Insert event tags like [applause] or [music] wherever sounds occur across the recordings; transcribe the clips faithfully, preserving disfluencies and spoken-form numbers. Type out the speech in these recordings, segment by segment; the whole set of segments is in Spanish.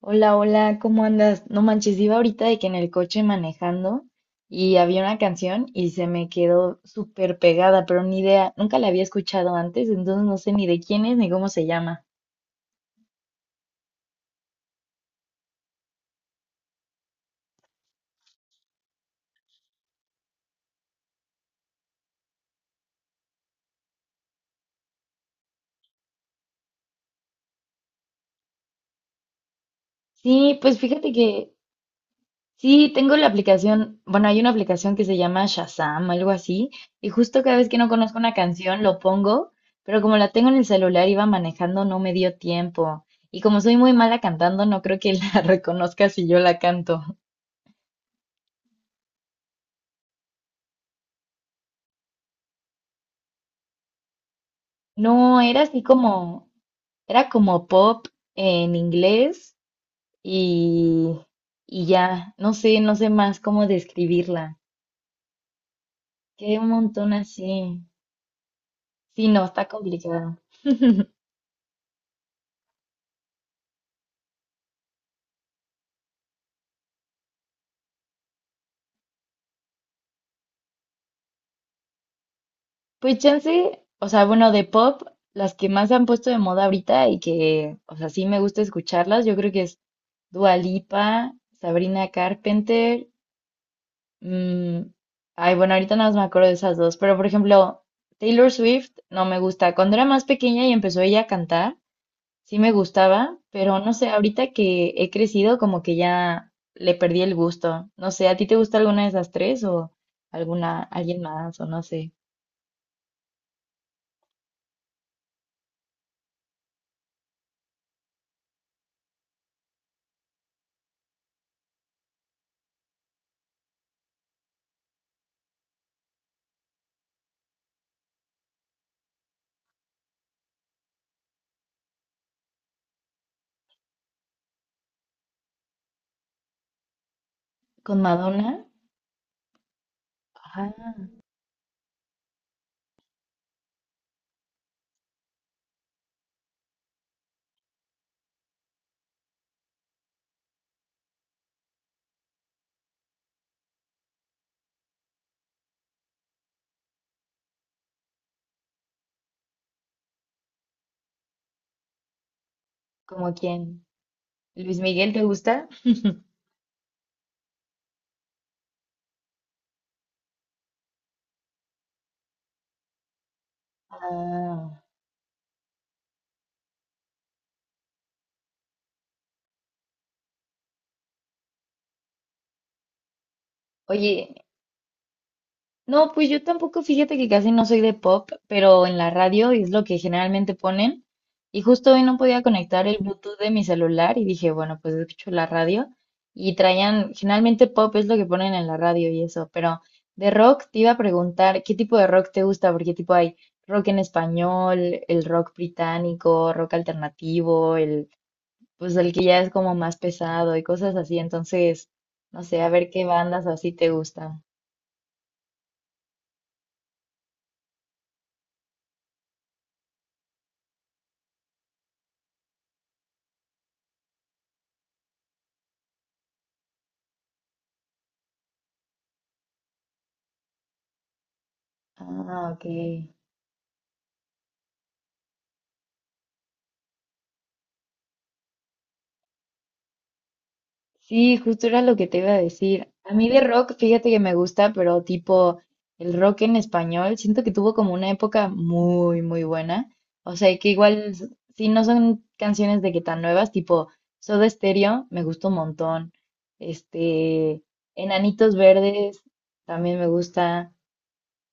Hola, hola, ¿cómo andas? No manches, iba ahorita de que en el coche manejando y había una canción y se me quedó súper pegada, pero ni idea, nunca la había escuchado antes, entonces no sé ni de quién es ni cómo se llama. Sí, pues fíjate que sí, tengo la aplicación, bueno, hay una aplicación que se llama Shazam, algo así, y justo cada vez que no conozco una canción lo pongo, pero como la tengo en el celular, iba manejando, no me dio tiempo. Y como soy muy mala cantando, no creo que la [laughs] reconozca si yo la canto. No, era así como, era como pop en inglés y, y ya, no sé, no sé más cómo describirla. Qué un montón así. Sí, no, está complicado. [laughs] Pues chance, o sea, bueno, de pop, las que más se han puesto de moda ahorita y que, o sea, sí me gusta escucharlas, yo creo que es Dua Lipa, Sabrina Carpenter. Mm, ay, bueno, ahorita nada más me acuerdo de esas dos, pero por ejemplo, Taylor Swift no me gusta. Cuando era más pequeña y empezó ella a cantar, sí me gustaba, pero no sé, ahorita que he crecido como que ya le perdí el gusto. No sé, ¿a ti te gusta alguna de esas tres o alguna, alguien más o no sé? ¿Con Madonna? Ah, ¿como quién? ¿Luis Miguel te gusta? [laughs] Ah, oye. No, pues yo tampoco, fíjate que casi no soy de pop, pero en la radio es lo que generalmente ponen. Y justo hoy no podía conectar el Bluetooth de mi celular y dije, bueno, pues escucho la radio. Y traían, generalmente pop es lo que ponen en la radio y eso, pero de rock te iba a preguntar, ¿qué tipo de rock te gusta? Porque tipo hay rock en español, el rock británico, rock alternativo, el, pues el que ya es como más pesado y cosas así. Entonces, no sé, a ver qué bandas así te gustan. Ah, ok. Sí, justo era lo que te iba a decir. A mí de rock, fíjate que me gusta, pero tipo el rock en español, siento que tuvo como una época muy, muy buena. O sea, que igual, si no son canciones de que tan nuevas, tipo Soda Stereo, me gusta un montón. Este, Enanitos Verdes, también me gusta.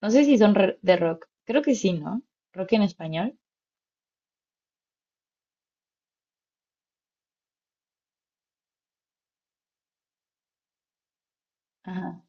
No sé si son re- de rock. Creo que sí, ¿no? Rock en español. Ajá.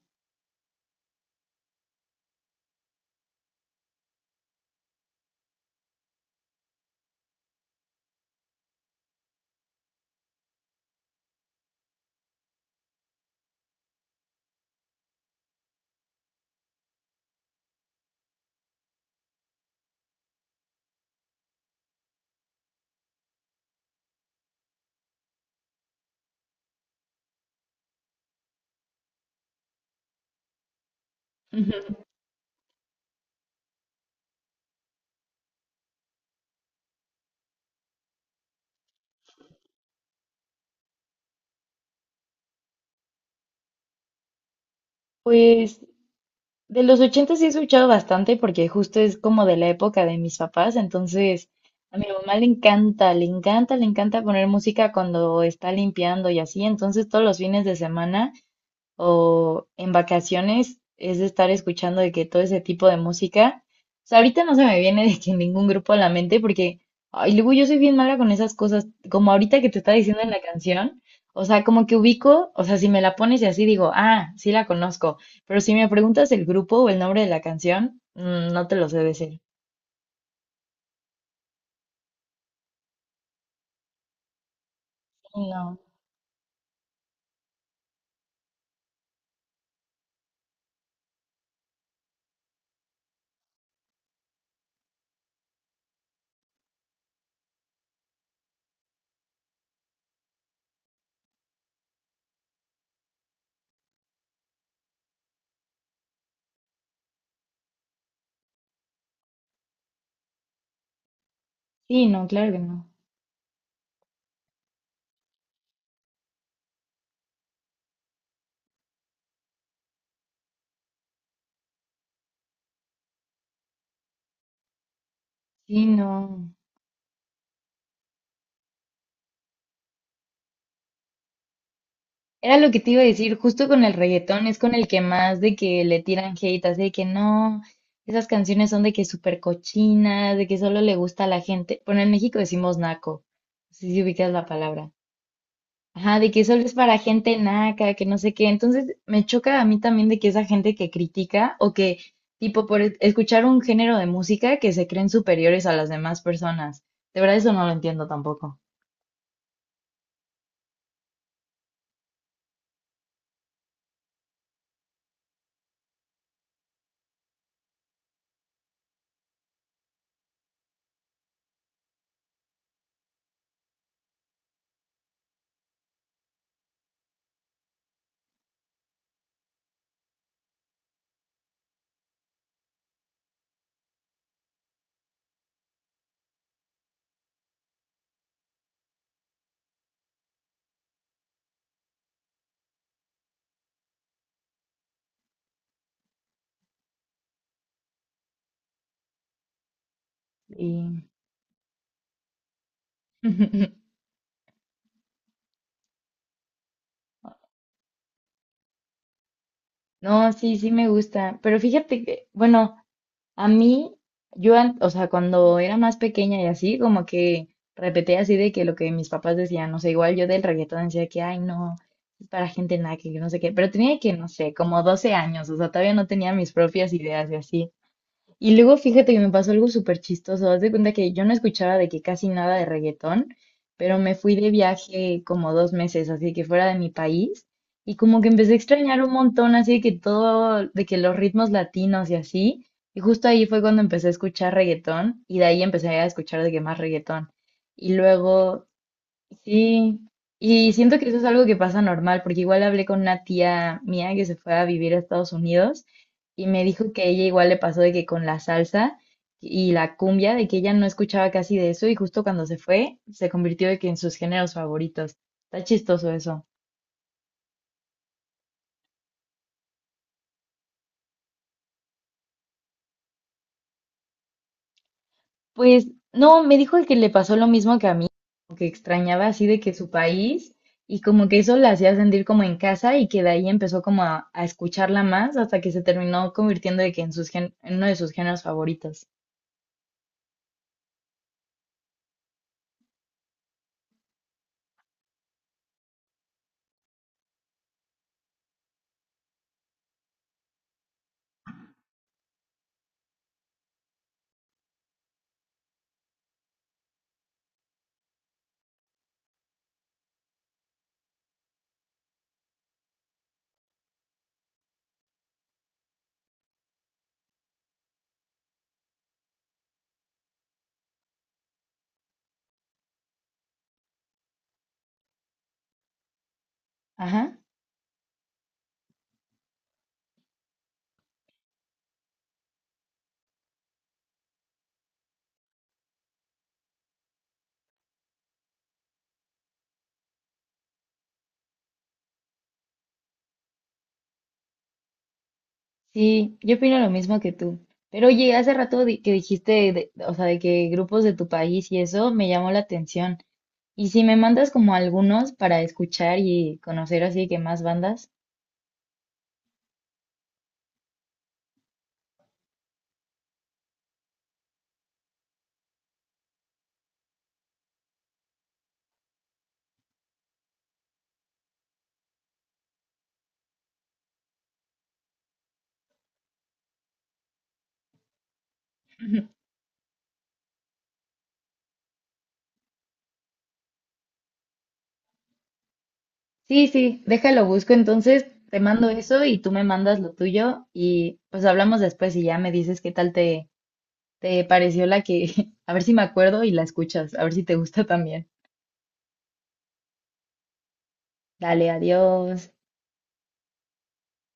[laughs] Pues de los ochenta sí he escuchado bastante porque justo es como de la época de mis papás, entonces a mi mamá le encanta, le encanta, le encanta poner música cuando está limpiando y así, entonces todos los fines de semana o en vacaciones es de estar escuchando de que todo ese tipo de música. O sea, ahorita no se me viene de que ningún grupo a la mente porque, ay, luego yo soy bien mala con esas cosas, como ahorita que te está diciendo en la canción. O sea, como que ubico, o sea, si me la pones y así digo, ah, sí la conozco, pero si me preguntas el grupo o el nombre de la canción, mm, no te lo sé decir. Sí, no, sí, no, claro que no. Sí, no. Era lo que te iba a decir, justo con el reggaetón es con el que más de que le tiran hate, así de que no, esas canciones son de que súper cochinas, de que solo le gusta a la gente. Bueno, en México decimos naco, no sé si ubicas la palabra. Ajá, de que solo es para gente naca, que no sé qué. Entonces me choca a mí también de que esa gente que critica o que, tipo, por e- escuchar un género de música que se creen superiores a las demás personas. De verdad eso no lo entiendo tampoco. Y... [laughs] No, sí, sí me gusta, pero fíjate que, bueno. A mí, yo, an- o sea, cuando era más pequeña y así, como que repetía así de que lo que mis papás decían, no sé, igual yo del reggaetón decía que, ay, no, es para gente naca, que no sé qué, pero tenía que, no sé, como doce años, o sea, todavía no tenía mis propias ideas y así. Y luego fíjate que me pasó algo súper chistoso. Haz de cuenta que yo no escuchaba de que casi nada de reggaetón, pero me fui de viaje como dos meses, así que fuera de mi país. Y como que empecé a extrañar un montón, así de que todo, de que los ritmos latinos y así. Y justo ahí fue cuando empecé a escuchar reggaetón y de ahí empecé a escuchar de que más reggaetón. Y luego sí, y siento que eso es algo que pasa normal, porque igual hablé con una tía mía que se fue a vivir a Estados Unidos y me dijo que a ella igual le pasó de que con la salsa y la cumbia, de que ella no escuchaba casi de eso y justo cuando se fue se convirtió de que en sus géneros favoritos. Está chistoso eso. Pues no, me dijo que le pasó lo mismo que a mí, como que extrañaba así de que su país y como que eso la hacía sentir como en casa y que de ahí empezó como a, a escucharla más hasta que se terminó convirtiendo de que en, sus gen- en uno de sus géneros favoritos. Ajá, sí, yo opino lo mismo que tú. Pero oye, hace rato di- que dijiste, de- o sea, de que grupos de tu país y eso me llamó la atención. ¿Y si me mandas como algunos para escuchar y conocer así que más bandas? Sí, sí, déjalo, busco entonces, te mando eso y tú me mandas lo tuyo y pues hablamos después y ya me dices qué tal te, te pareció la que, [laughs] a ver si me acuerdo y la escuchas, a ver si te gusta también. Dale, adiós.